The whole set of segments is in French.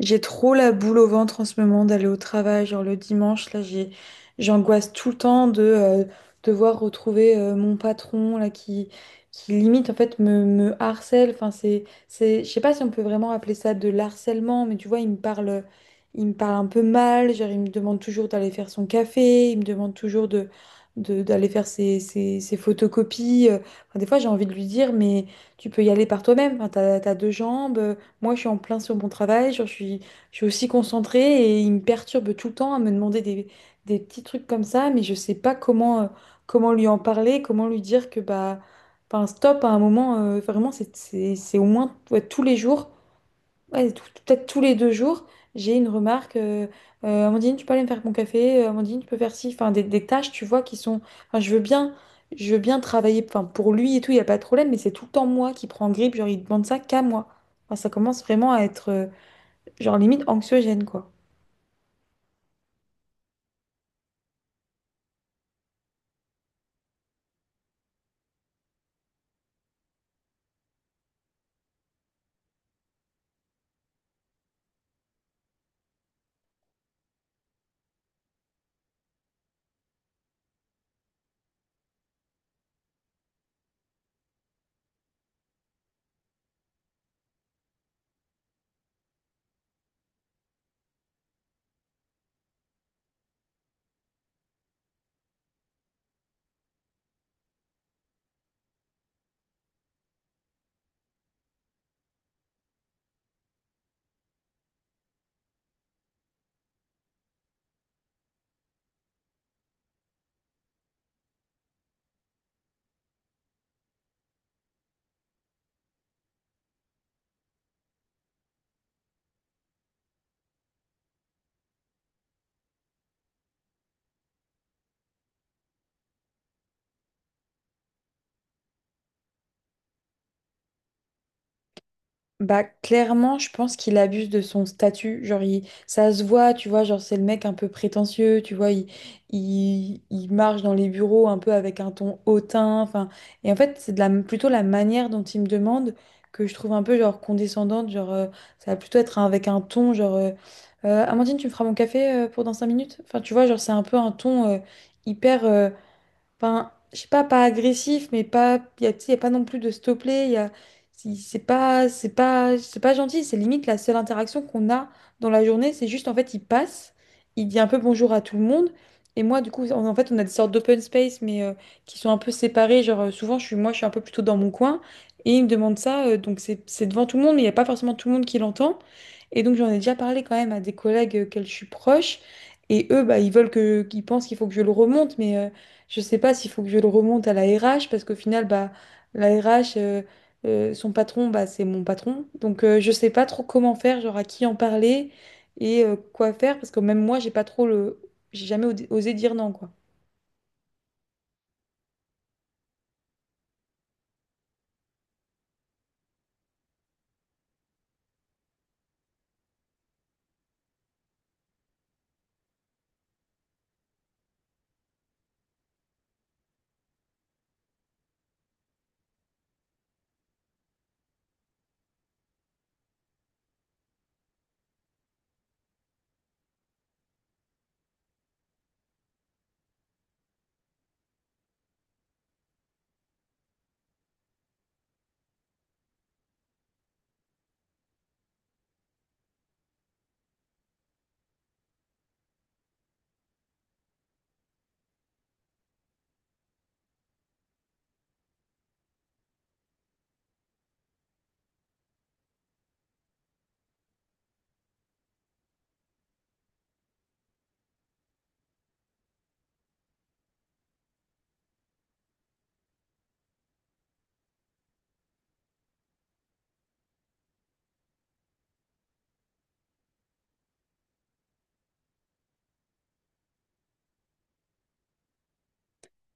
J'ai trop la boule au ventre en ce moment d'aller au travail, genre le dimanche, là j'angoisse tout le temps de devoir retrouver mon patron là qui limite en fait me harcèle. Enfin c'est je sais pas si on peut vraiment appeler ça de l'harcèlement, mais tu vois il me parle un peu mal, genre il me demande toujours d'aller faire son café, il me demande toujours d'aller faire ses photocopies. Enfin, des fois j'ai envie de lui dire mais tu peux y aller par toi-même. Enfin, t'as deux jambes. Moi, je suis en plein sur mon travail, genre, je suis aussi concentrée et il me perturbe tout le temps à me demander des petits trucs comme ça, mais je sais pas comment, comment lui en parler, comment lui dire que bah, enfin, stop à un moment, vraiment, c'est au moins ouais, tous les jours ouais, peut-être tous les 2 jours, j'ai une remarque. Amandine, tu peux aller me faire mon café. Amandine, tu peux faire ci. Enfin, des tâches, tu vois, qui sont. Enfin, je veux bien travailler. Enfin, pour lui et tout, il n'y a pas de problème. Mais c'est tout le temps moi qui prends grippe. Genre, il demande ça qu'à moi. Enfin, ça commence vraiment à être, genre, limite anxiogène, quoi. Bah, clairement, je pense qu'il abuse de son statut. Genre, ça se voit, tu vois, genre, c'est le mec un peu prétentieux, tu vois, il marche dans les bureaux un peu avec un ton hautain. Enfin, et en fait, c'est de la, plutôt la manière dont il me demande que je trouve un peu, genre, condescendante. Genre, ça va plutôt être avec un ton, genre, Amandine, tu me feras mon café pour dans 5 minutes? Enfin, tu vois, genre, c'est un peu un ton hyper. Enfin, je sais pas, pas agressif, mais pas, il y a, tu sais, y a pas non plus de stopper. Y a, c'est pas gentil. C'est limite la seule interaction qu'on a dans la journée. C'est juste, en fait, il passe, il dit un peu bonjour à tout le monde. Et moi, du coup, en fait, on a des sortes d'open space, mais qui sont un peu séparés. Genre, souvent, je suis un peu plutôt dans mon coin. Et il me demande ça, donc c'est devant tout le monde, mais il n'y a pas forcément tout le monde qui l'entend. Et donc, j'en ai déjà parlé quand même à des collègues auxquels je suis proche. Et eux, bah, ils pensent qu'il faut que je le remonte, je sais pas s'il faut que je le remonte à la RH parce qu'au final, bah, la RH, son patron, bah, c'est mon patron. Donc je sais pas trop comment faire, genre à qui en parler et quoi faire parce que même moi, j'ai pas trop le, j'ai jamais osé dire non quoi.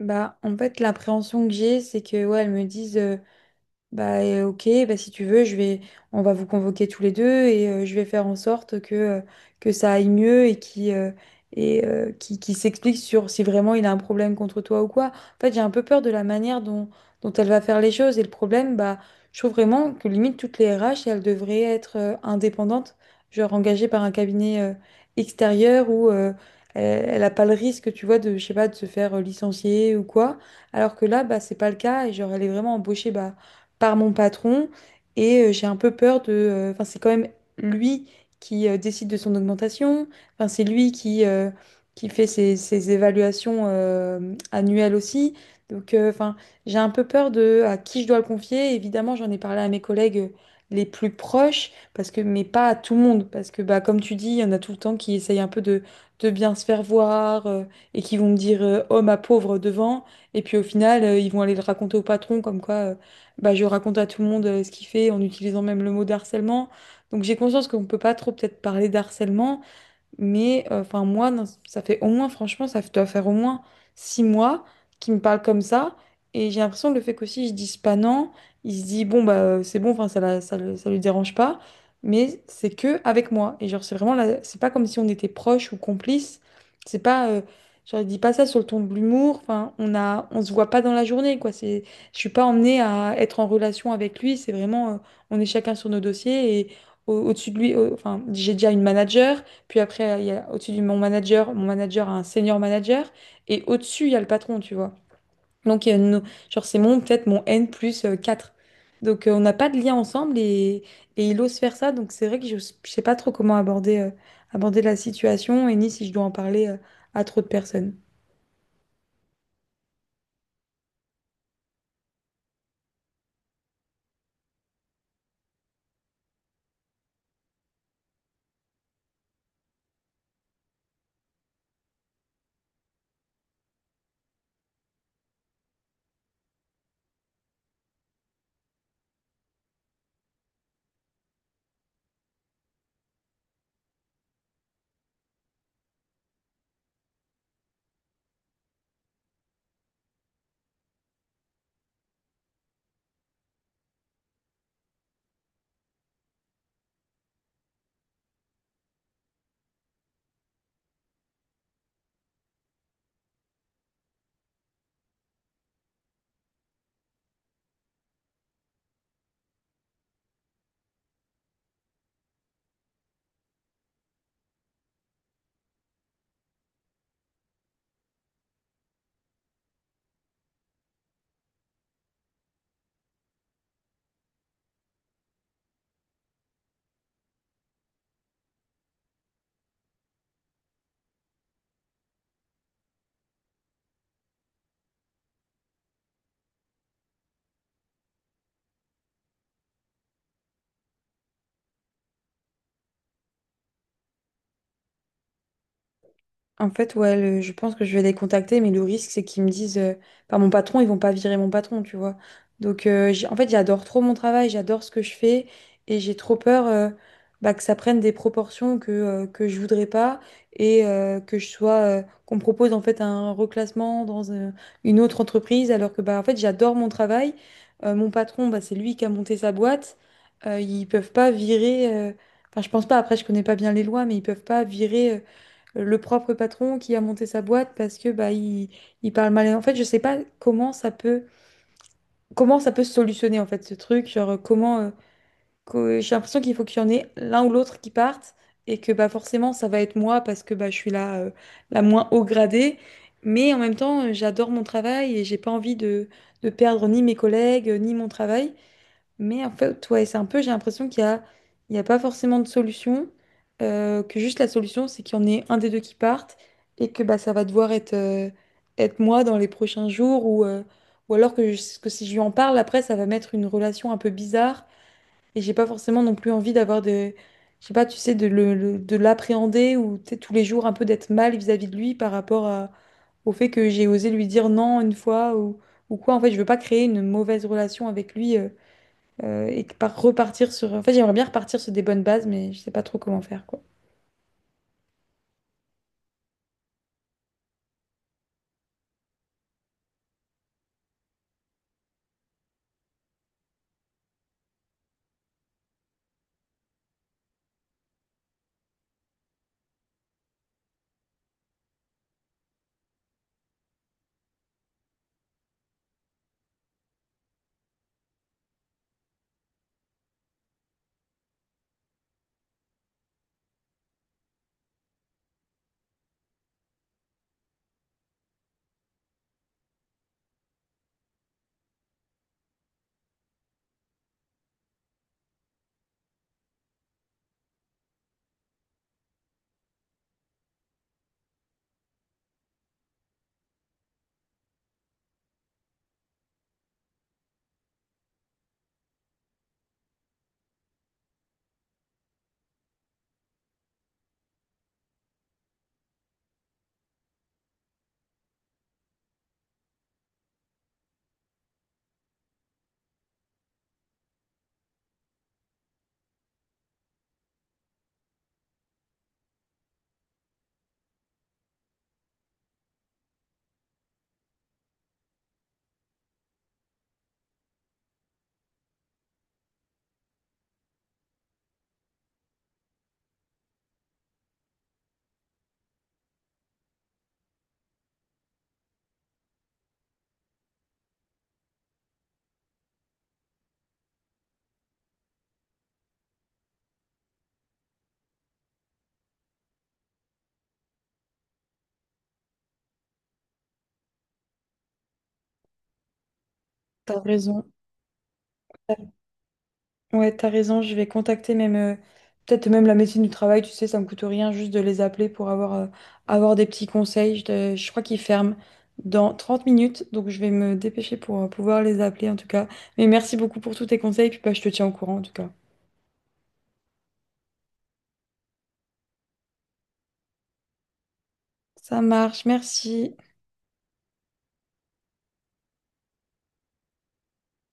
Bah en fait, l'appréhension que j'ai, c'est que ouais, elles me disent. Bah ok, bah si tu veux, on va vous convoquer tous les deux et je vais faire en sorte que ça aille mieux et qui s'explique sur si vraiment il a un problème contre toi ou quoi. En fait, j'ai un peu peur de la manière dont elle va faire les choses et le problème, bah je trouve vraiment que limite toutes les RH, elles devraient être indépendantes, genre engagées par un cabinet extérieur où elle n'a pas le risque, tu vois, de je sais pas, de se faire licencier ou quoi. Alors que là, bah c'est pas le cas et genre elle est vraiment embauchée bah par mon patron et j'ai un peu peur de Enfin, c'est quand même lui qui décide de son augmentation, enfin, c'est lui qui fait ses évaluations annuelles aussi. Donc, enfin, j'ai un peu peur de à qui je dois le confier. Évidemment, j'en ai parlé à mes collègues les plus proches, parce que, mais pas à tout le monde, parce que, bah, comme tu dis, il y en a tout le temps qui essayent un peu de bien se faire voir et qui vont me dire oh ma pauvre devant, et puis au final, ils vont aller le raconter au patron comme quoi bah, je raconte à tout le monde ce qu'il fait en utilisant même le mot d'harcèlement. Donc j'ai conscience qu'on ne peut pas trop peut-être parler d'harcèlement, mais enfin, moi, non, ça fait au moins, franchement, ça doit faire au moins 6 mois qu'il me parle comme ça. Et j'ai l'impression que le fait qu'aussi je dise pas non, il se dit, bon, bah, c'est bon, enfin, ça, ça, ça lui dérange pas. Mais c'est que avec moi. Et genre, c'est vraiment c'est pas comme si on était proches ou complices. C'est pas, genre, il dit pas ça sur le ton de l'humour. Enfin, on se voit pas dans la journée, quoi. Je suis pas emmenée à être en relation avec lui. C'est vraiment, on est chacun sur nos dossiers et au-dessus de lui, enfin, j'ai déjà une manager. Puis après, il y a au-dessus du mon manager a un senior manager. Et au-dessus, il y a le patron, tu vois. Donc, il y a nos- genre, c'est mon, peut-être mon N plus 4. Donc, on n'a pas de lien ensemble et il ose faire ça. Donc, c'est vrai que je ne sais pas trop comment aborder, aborder la situation et ni si je dois en parler, à trop de personnes. En fait, ouais, je pense que je vais les contacter, mais le risque, c'est qu'ils me disent, par mon patron, ils vont pas virer mon patron, tu vois. Donc, en fait, j'adore trop mon travail, j'adore ce que je fais, et j'ai trop peur bah, que ça prenne des proportions que je voudrais pas, et que je sois, qu'on me propose en fait un reclassement dans une autre entreprise, alors que, bah, en fait, j'adore mon travail. Mon patron, bah, c'est lui qui a monté sa boîte. Ils peuvent pas virer. Enfin, je pense pas. Après, je connais pas bien les lois, mais ils peuvent pas virer le propre patron qui a monté sa boîte parce que bah il parle mal. Et en fait, je sais pas comment ça peut se solutionner en fait ce truc, genre comment j'ai l'impression qu'il faut qu'il y en ait l'un ou l'autre qui parte et que bah forcément ça va être moi parce que bah je suis la la moins haut gradée, mais en même temps, j'adore mon travail et j'ai pas envie de perdre ni mes collègues ni mon travail. Mais en fait, ouais, c'est un peu, j'ai l'impression qu'il y a pas forcément de solution, que juste la solution, c'est qu'il y en ait un des deux qui parte et que bah, ça va devoir être, être moi dans les prochains jours ou alors que, que si je lui en parle, après, ça va mettre une relation un peu bizarre et j'ai pas forcément non plus envie d'avoir de, je sais pas, tu sais, de l'appréhender ou tu sais, tous les jours un peu d'être mal vis-à-vis de lui par rapport au fait que j'ai osé lui dire non une fois ou quoi. En fait, je veux pas créer une mauvaise relation avec lui. Et que par repartir sur. En fait, j'aimerais bien repartir sur des bonnes bases, mais je sais pas trop comment faire, quoi. T'as raison. Ouais, t'as raison. Je vais contacter même peut-être même la médecine du travail. Tu sais, ça me coûte rien juste de les appeler pour avoir avoir des petits conseils. Je crois qu'ils ferment dans 30 minutes, donc je vais me dépêcher pour pouvoir les appeler en tout cas. Mais merci beaucoup pour tous tes conseils, puis bah, je te tiens au courant en tout cas. Ça marche, merci.